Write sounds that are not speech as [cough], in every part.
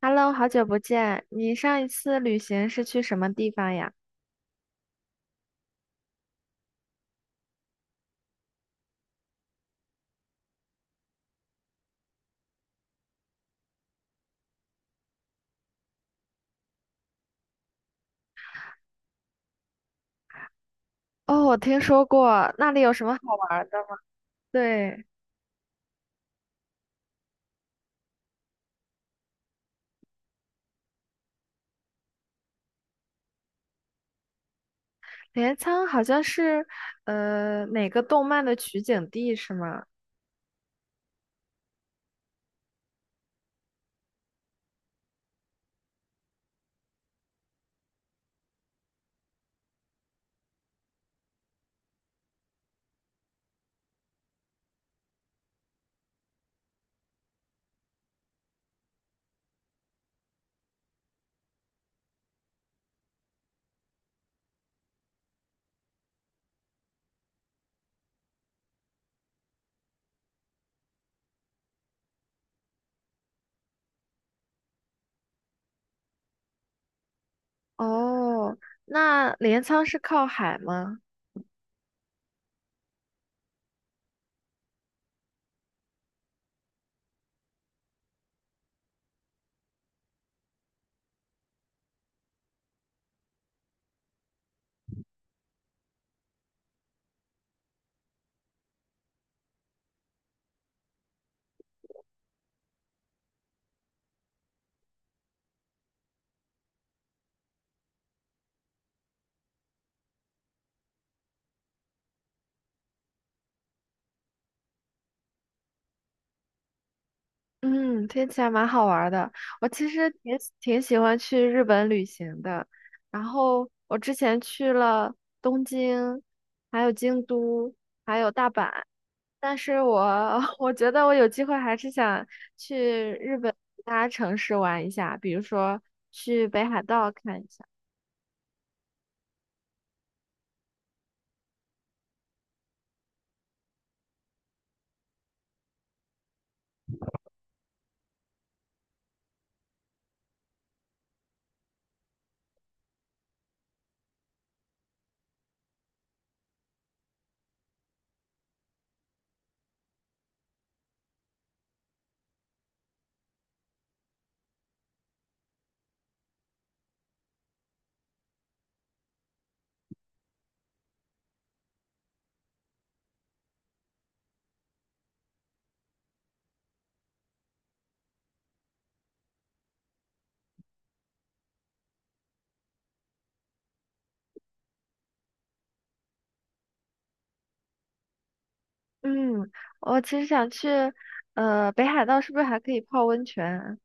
Hello，好久不见。你上一次旅行是去什么地方呀？哦，我听说过，那里有什么好玩儿的？对，镰仓好像是哪个动漫的取景地是吗？哦，那镰仓是靠海吗？嗯，听起来蛮好玩儿的。我其实挺喜欢去日本旅行的，然后我之前去了东京，还有京都，还有大阪。但是我 [laughs] 我觉得我有机会还是想去日本其他城市玩一下，比如说去北海道看一下。嗯，我其实想去，北海道是不是还可以泡温泉？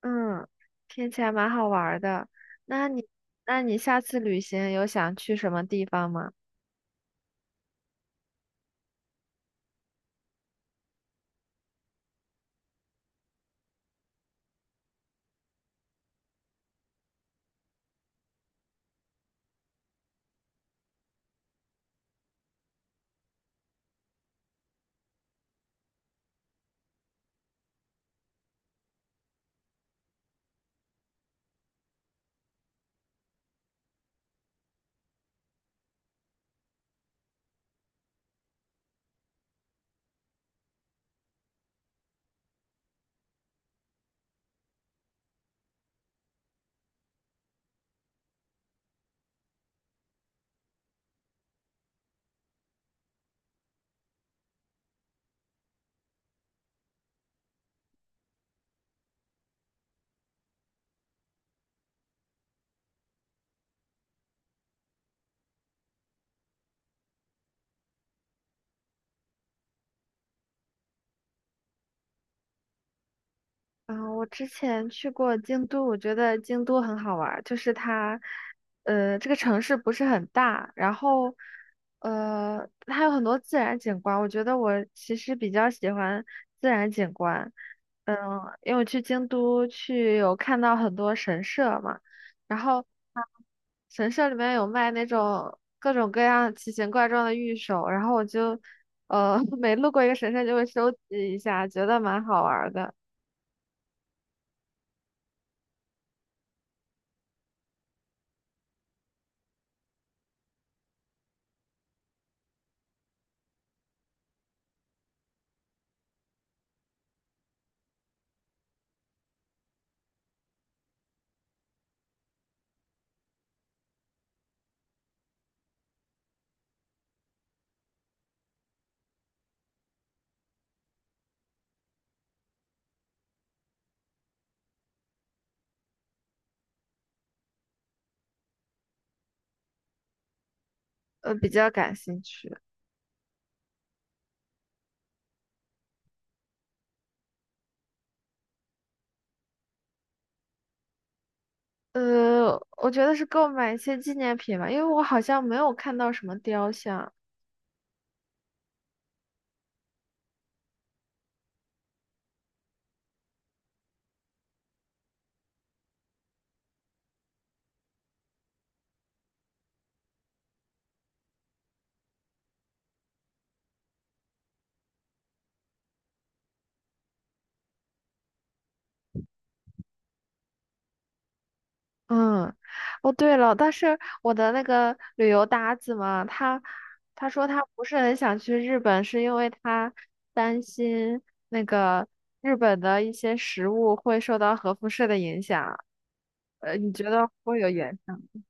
嗯，听起来蛮好玩儿的。那你，那你下次旅行有想去什么地方吗？啊，我之前去过京都，我觉得京都很好玩儿，就是它，这个城市不是很大，然后，它有很多自然景观，我觉得我其实比较喜欢自然景观。嗯，因为我去京都去有看到很多神社嘛，然后神社里面有卖那种各种各样奇形怪状的玉手，然后我就，[laughs] 每路过一个神社就会收集一下，觉得蛮好玩儿的。呃比较感兴趣。呃，我觉得是购买一些纪念品吧，因为我好像没有看到什么雕像。嗯，哦对了，但是我的那个旅游搭子嘛，他说他不是很想去日本，是因为他担心那个日本的一些食物会受到核辐射的影响。呃，你觉得会有影响吗？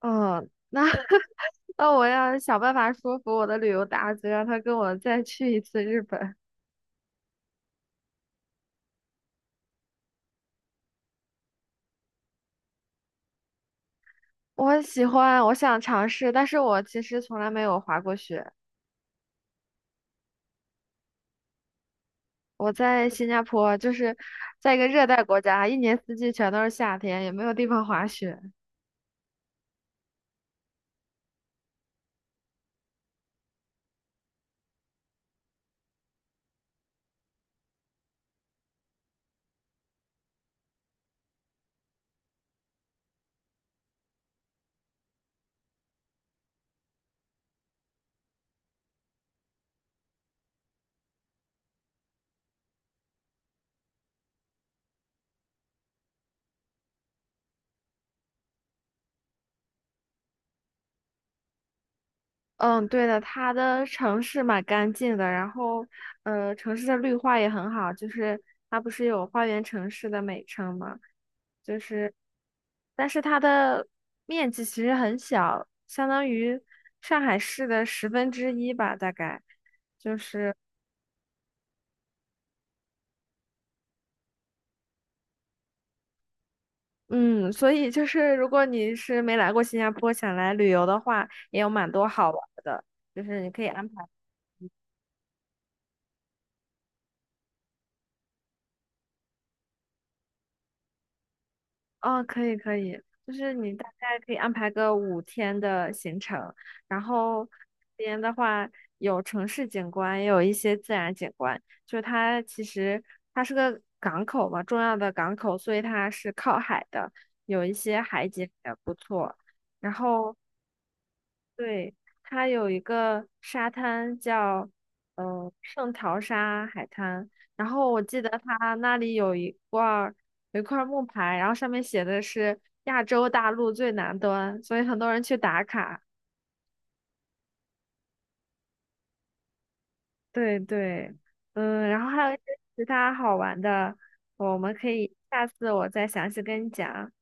嗯，那 [laughs] 那我要想办法说服我的旅游搭子，让他跟我再去一次日本。我喜欢，我想尝试，但是我其实从来没有滑过雪。我在新加坡，就是在一个热带国家，一年四季全都是夏天，也没有地方滑雪。嗯，对的，它的城市蛮干净的，然后城市的绿化也很好，就是它不是有花园城市的美称吗？就是，但是它的面积其实很小，相当于上海市的十分之一吧，大概。就是嗯，所以就是如果你是没来过新加坡，想来旅游的话，也有蛮多好玩儿的，就是你可以安排，哦，可以可以，就是你大概可以安排个5天的行程，然后这边的话有城市景观，也有一些自然景观，就是它其实它是个港口嘛，重要的港口，所以它是靠海的，有一些海景也不错。然后对，它有一个沙滩叫圣淘沙海滩，然后我记得它那里有一块儿木牌，然后上面写的是亚洲大陆最南端，所以很多人去打卡。对对，嗯，然后还有一些其他好玩的，我们可以下次我再详细跟你讲。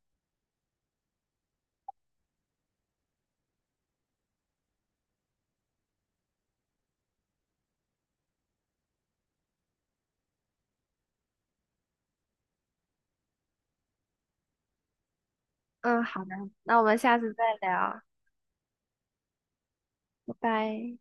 嗯，好的，那我们下次再聊，拜拜。